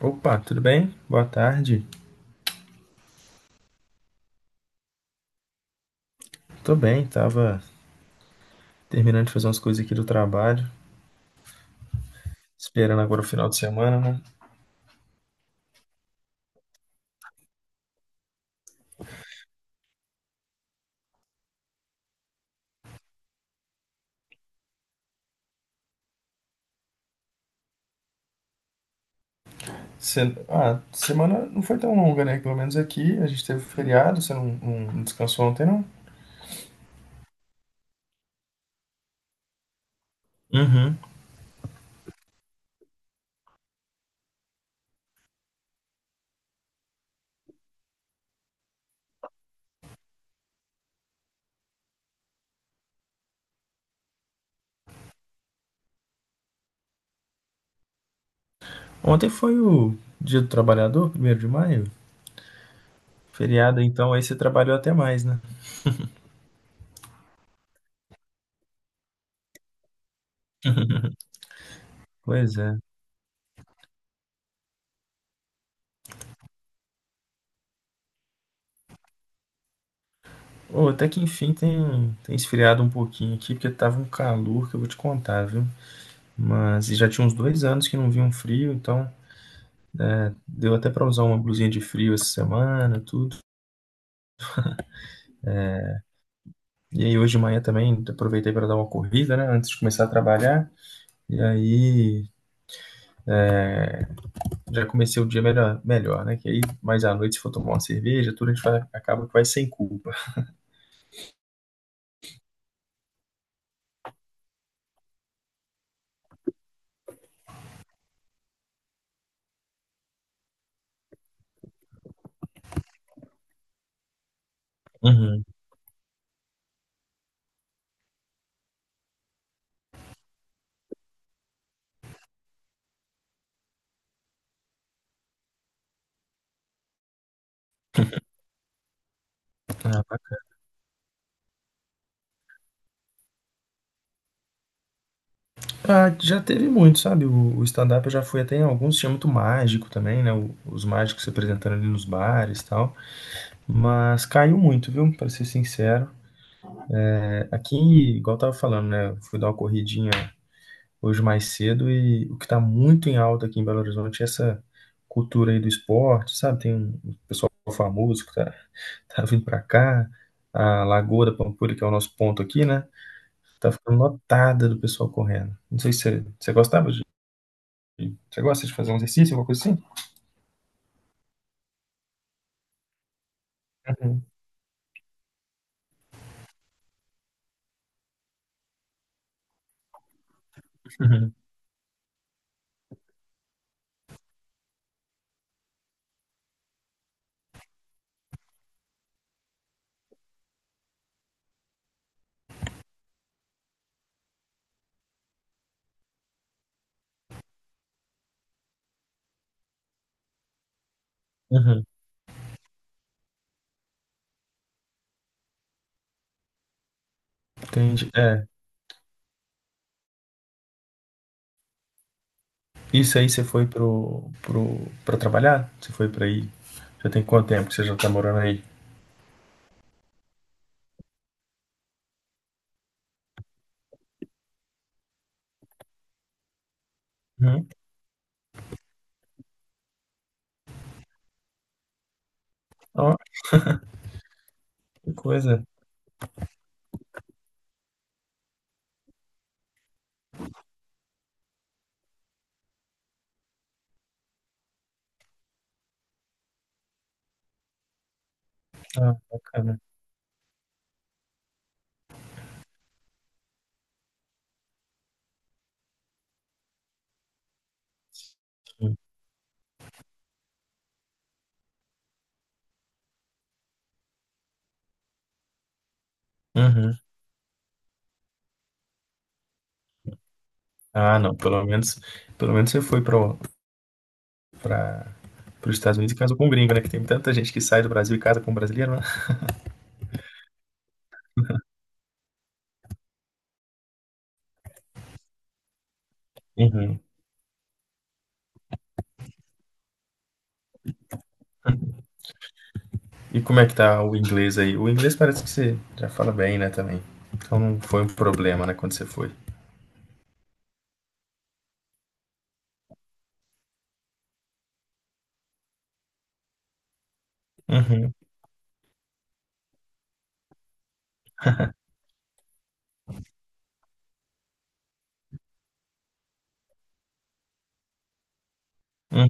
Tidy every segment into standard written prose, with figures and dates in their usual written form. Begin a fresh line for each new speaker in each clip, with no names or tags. Opa, tudo bem? Boa tarde. Tô bem, tava terminando de fazer umas coisas aqui do trabalho, esperando agora o final de semana, né? Semana não foi tão longa, né? Pelo menos aqui a gente teve feriado, você não descansou ontem, não? Uhum. Ontem foi o Dia do Trabalhador, primeiro de maio. Feriado, então, aí você trabalhou até mais, né? Pois é. Ô, até que enfim tem esfriado um pouquinho aqui, porque tava um calor que eu vou te contar, viu? Mas e já tinha uns 2 anos que não vinha um frio, então deu até para usar uma blusinha de frio essa semana, tudo. E aí hoje de manhã também aproveitei para dar uma corrida, né, antes de começar a trabalhar. E aí já comecei o dia melhor, né? Que aí mais à noite se for tomar uma cerveja, tudo a gente vai, acaba que vai sem culpa. Uhum. Ah, bacana. Ah, já teve muito, sabe? O stand-up eu já fui até em alguns, tinha muito mágico também, né? Os mágicos se apresentando ali nos bares e tal. Mas caiu muito, viu? Para ser sincero. É. Aqui, igual eu tava falando, né? Eu fui dar uma corridinha hoje mais cedo, e o que está muito em alta aqui em Belo Horizonte é essa cultura aí do esporte, sabe? Tem um pessoal famoso que tá, tá vindo para cá, a Lagoa da Pampulha, que é o nosso ponto aqui, né? Tá ficando lotada do pessoal correndo. Não sei se você gosta de fazer um exercício, alguma coisa assim? Uhum, uhum, uhum. Entendi. É, isso aí você foi para trabalhar? Você foi para aí? Já tem quanto tempo que você já tá morando aí? Uhum. Ó, que coisa. Ah, bacana. Uhum. Ah, não, pelo menos você foi para os Estados Unidos e casou com um gringo, né? Que tem tanta gente que sai do Brasil e casa com um brasileiro, né? Uhum. E como é que tá o inglês aí? O inglês parece que você já fala bem, né, também. Então não foi um problema, né, quando você foi. Uhum, uhum,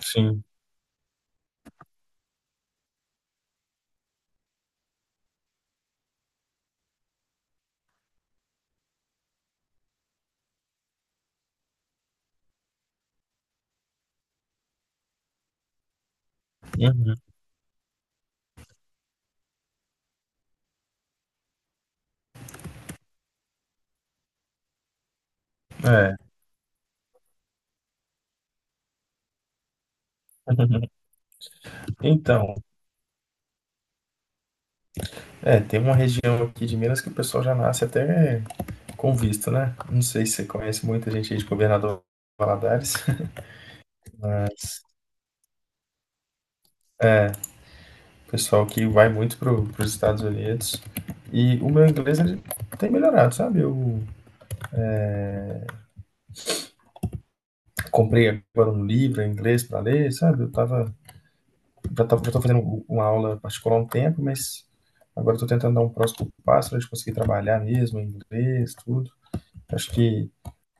sim, uhum, é. Então, é, tem uma região aqui de Minas que o pessoal já nasce até com visto, né? Não sei se você conhece muita gente aí de Governador Valadares, pessoal que vai muito para os Estados Unidos. E o meu inglês ele tem melhorado, sabe? Eu comprei agora um livro em inglês para ler, sabe? Já já tô fazendo uma aula particular há um tempo, mas agora estou tentando dar um próximo passo para a gente conseguir trabalhar mesmo em inglês, tudo. Acho que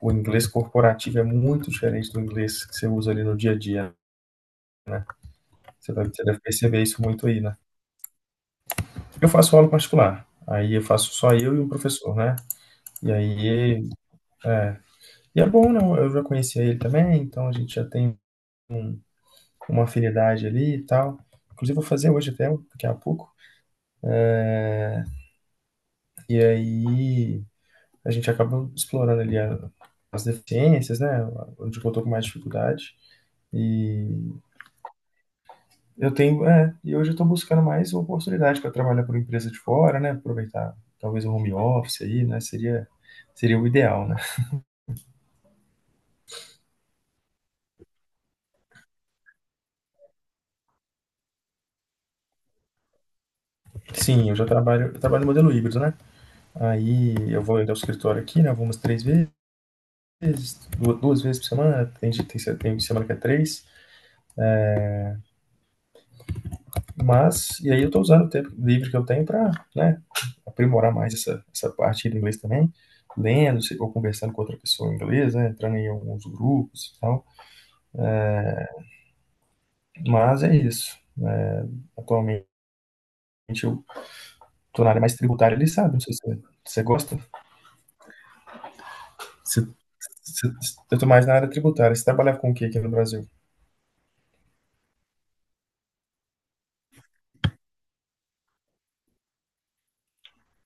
o inglês corporativo é muito diferente do inglês que você usa ali no dia a dia. Você deve perceber isso muito aí, né? Eu faço aula particular, aí eu faço só eu e um professor, né? E aí é, E é bom, não? Eu já conhecia ele também, então a gente já tem uma afinidade ali e tal. Inclusive, vou fazer hoje até, daqui a pouco. E aí a gente acaba explorando ali as deficiências, né? Onde que eu tô com mais dificuldade. E e hoje eu tô buscando mais oportunidade para trabalhar por empresa de fora, né? Aproveitar talvez o home office aí, né? Seria o ideal, né? Sim, eu trabalho no modelo híbrido, né? Aí eu vou ainda ao escritório aqui, né? Eu vou umas três vezes, 2 vezes por semana, né? tem, dia- tem, se- tem semana que é 3, mas, e aí eu tô usando o tempo livre que eu tenho para, né, aprimorar mais essa parte do inglês também, lendo, ou conversando com outra pessoa em inglês, né, entrando em alguns grupos e tal, mas é isso. Atualmente eu tô na área mais tributária, ele sabe, não sei se você gosta, você, você, eu tô mais na área tributária, você trabalha com o que aqui no Brasil?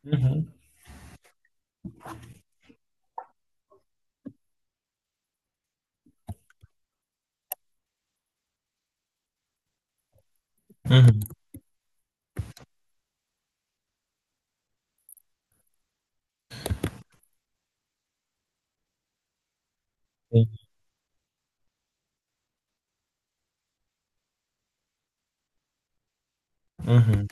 Uhum, uhum, sim, uhum,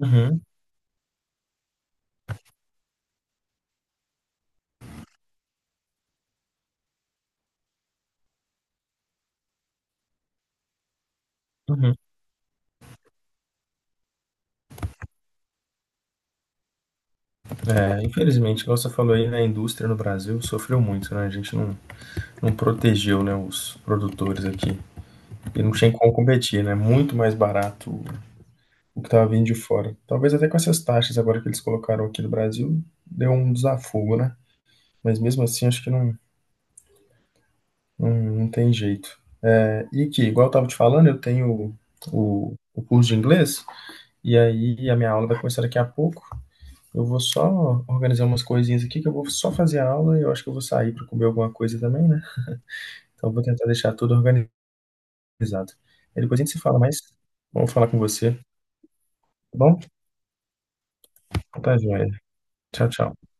uhum, uhum. É, infelizmente, igual você falou aí, né, a indústria no Brasil sofreu muito, né? A gente não protegeu, né, os produtores aqui. E não tinha como competir, né? Muito mais barato o que estava vindo de fora. Talvez até com essas taxas agora que eles colocaram aqui no Brasil, deu um desafogo, né? Mas mesmo assim, acho que não tem jeito. É, e aqui, igual eu estava te falando, eu tenho o curso de inglês, e aí a minha aula vai começar daqui a pouco. Eu vou só organizar umas coisinhas aqui, que eu vou só fazer a aula e eu acho que eu vou sair para comer alguma coisa também, né? Então eu vou tentar deixar tudo organizado. Aí depois a gente se fala mais. Vamos falar com você, tá bom? Tá joia. Tchau, tchau.